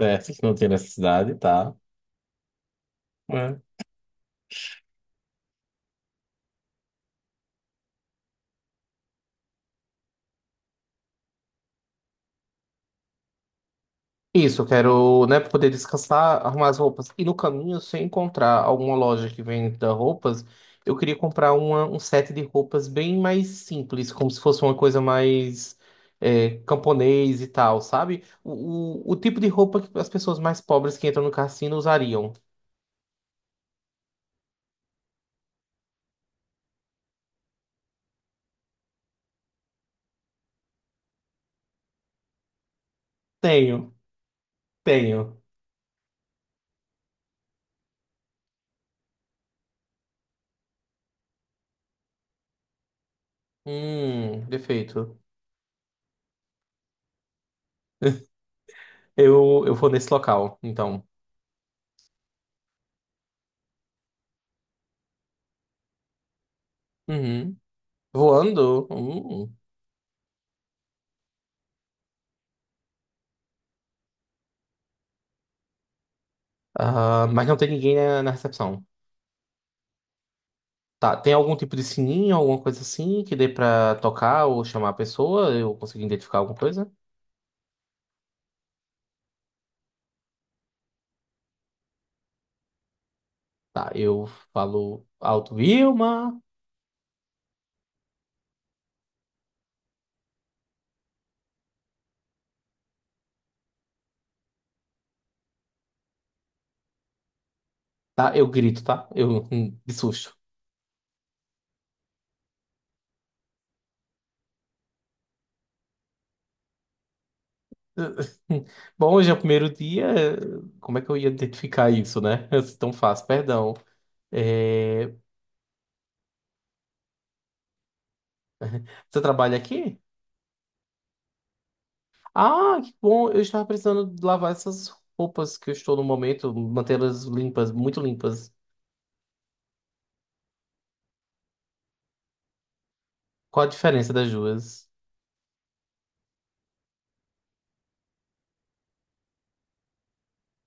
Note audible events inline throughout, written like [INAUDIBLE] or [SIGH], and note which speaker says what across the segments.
Speaker 1: Certo, que não tem necessidade, tá? É. Isso, eu quero, né, pra poder descansar, arrumar as roupas. E no caminho, se eu encontrar alguma loja que venda roupas, eu queria comprar uma, um set de roupas bem mais simples, como se fosse uma coisa mais camponês e tal, sabe? O tipo de roupa que as pessoas mais pobres que entram no cassino usariam. Tenho, tenho. Perfeito. Eu vou nesse local, então. Uhum. Voando? Hum. Ah, mas não tem ninguém na recepção. Tá, tem algum tipo de sininho, alguma coisa assim que dê pra tocar ou chamar a pessoa? Eu consegui identificar alguma coisa? Tá, eu falo alto, Vilma. Tá, eu grito, tá? Eu, de susto. [LAUGHS] Bom, hoje é o primeiro dia. Como é que eu ia identificar isso, né? [LAUGHS] É tão fácil, perdão. É, Você trabalha aqui? Ah, que bom. Eu estava precisando lavar essas roupas que eu estou no momento, mantê-las limpas, muito limpas. Qual a diferença das duas?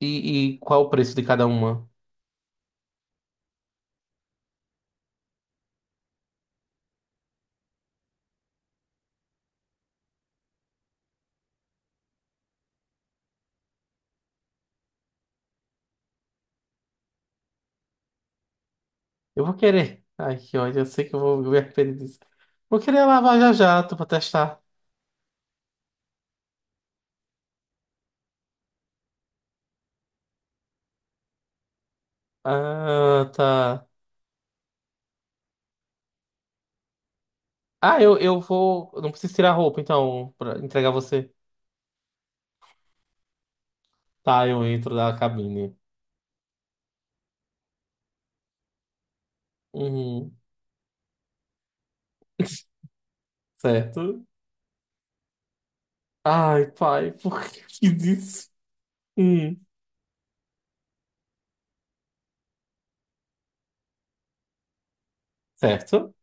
Speaker 1: E, e qual o preço de cada uma? Eu vou querer. Ai, que ódio, eu sei que eu vou me arrepender disso. Vou querer lavar já já, pra testar. Ah, tá. Ah, eu vou. Eu não preciso tirar a roupa, então, pra entregar você. Tá, eu entro da cabine. Uhum. [LAUGHS] Certo? Ai, pai, [LAUGHS] por que eu fiz isso? Hum. Certo?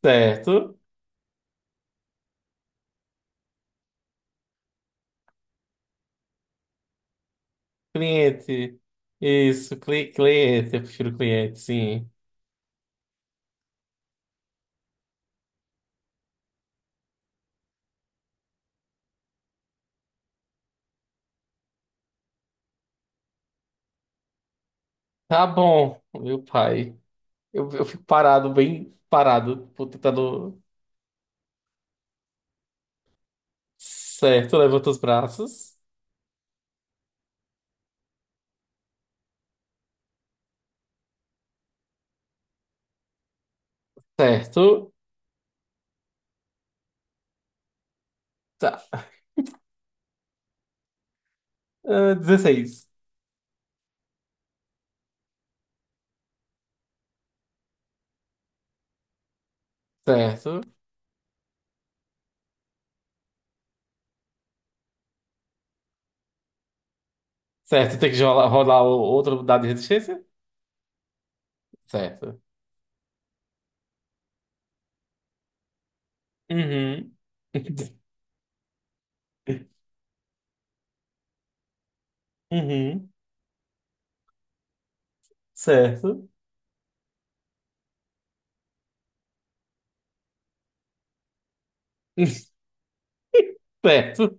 Speaker 1: Certo? Cliente. Isso, cliente. Eu prefiro cliente, sim. Tá bom, meu pai. Eu fico parado, bem parado, tipo, tentando. Certo, levanta os braços. Certo. Tá. Ah, 16. Certo. Certo, tem que rolar, outro dado de resistência? Certo. Uhum. [LAUGHS] Uhum. Certo. [LAUGHS] Certo.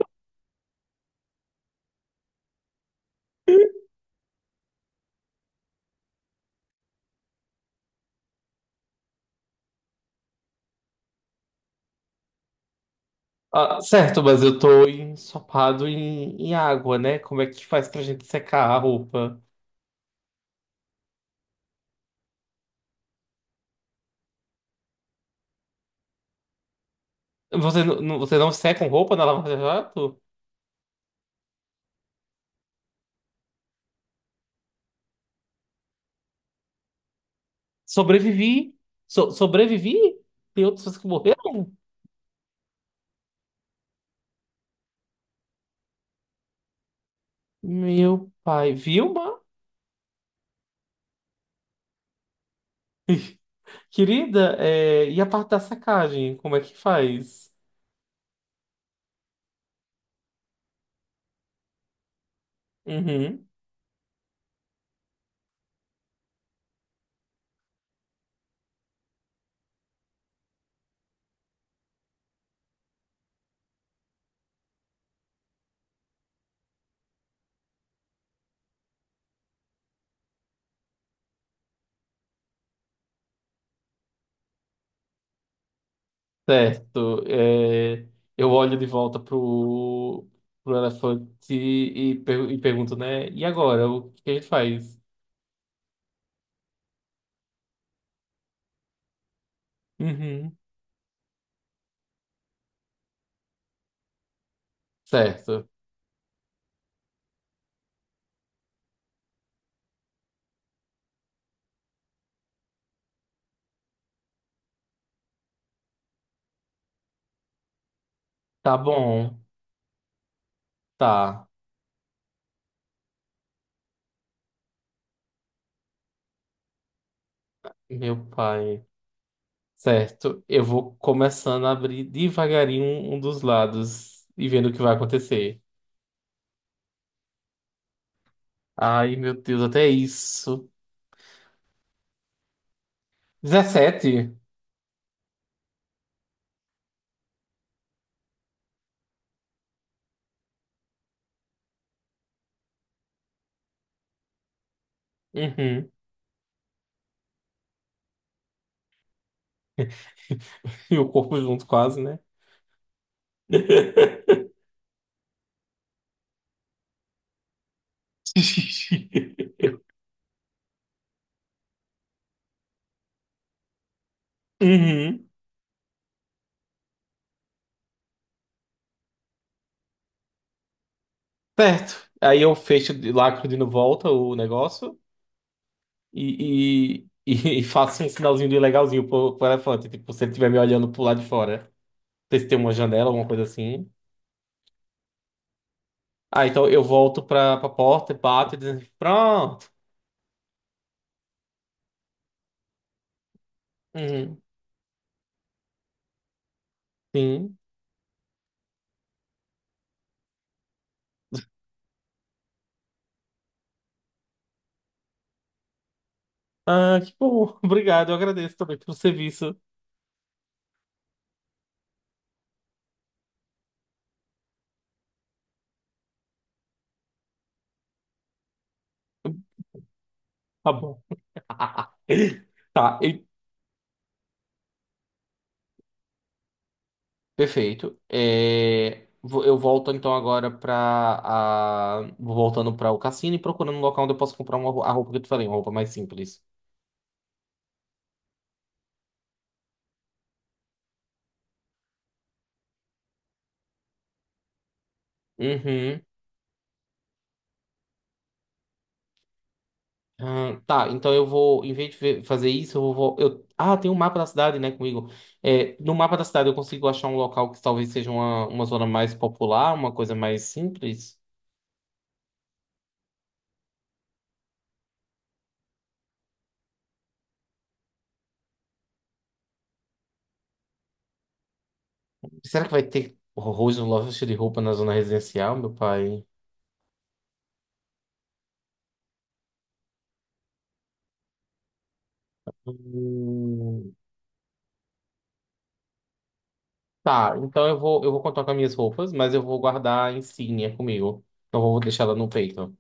Speaker 1: Ah, certo, mas eu tô ensopado em água, né? Como é que faz pra gente secar a roupa? Você, você não seca com roupa na lava-jato? Sobrevivi. Sobrevivi? Tem outras pessoas que morreram? Meu pai, Vilma? [LAUGHS] Querida, é, e a parte da sacagem? Como é que faz? Uhum. Certo. É, eu olho de volta pro elefante e, e pergunto, né? E agora? O que a gente faz? Uhum. Certo. Tá bom. Tá. Meu pai. Certo, eu vou começando a abrir devagarinho um dos lados e vendo o que vai acontecer. Ai, meu Deus, até isso. 17? Uhum. [LAUGHS] E o corpo junto, quase, né? [LAUGHS] Uhum. Certo. Aí eu fecho, lacro volta o negócio e [LAUGHS] e faço um sinalzinho de legalzinho pro elefante, tipo, se ele estiver me olhando pro lado de fora. Não sei se tem uma janela, alguma coisa assim. Ah, então eu volto pra porta, bato e dizendo, pronto. Uhum, sim. Ah, que bom. [LAUGHS] Obrigado, eu agradeço também pelo serviço. Tá bom. [LAUGHS] Tá, e- perfeito. É, eu volto então agora pra. A, vou voltando pra o cassino e procurando um local onde eu posso comprar uma, a roupa que eu te falei, uma roupa mais simples. Uhum. Ah, tá, então eu vou, em vez de fazer isso, eu vou. Eu, ah, tem um mapa da cidade, né, comigo. É, no mapa da cidade eu consigo achar um local que talvez seja uma zona mais popular, uma coisa mais simples. Será que vai ter horrores no loja de roupa na zona residencial, meu pai? Hum, tá, então eu vou contar com as minhas roupas, mas eu vou guardar a insígnia comigo. Não vou deixar ela no peito.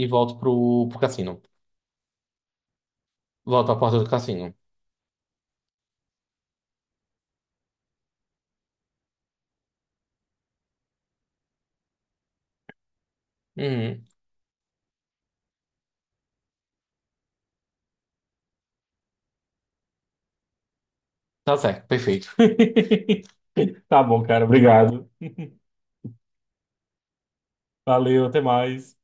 Speaker 1: E volto pro cassino. Volto à porta do cassino. Uhum, tá certo, perfeito. [LAUGHS] Tá bom, cara, obrigado. Valeu, até mais.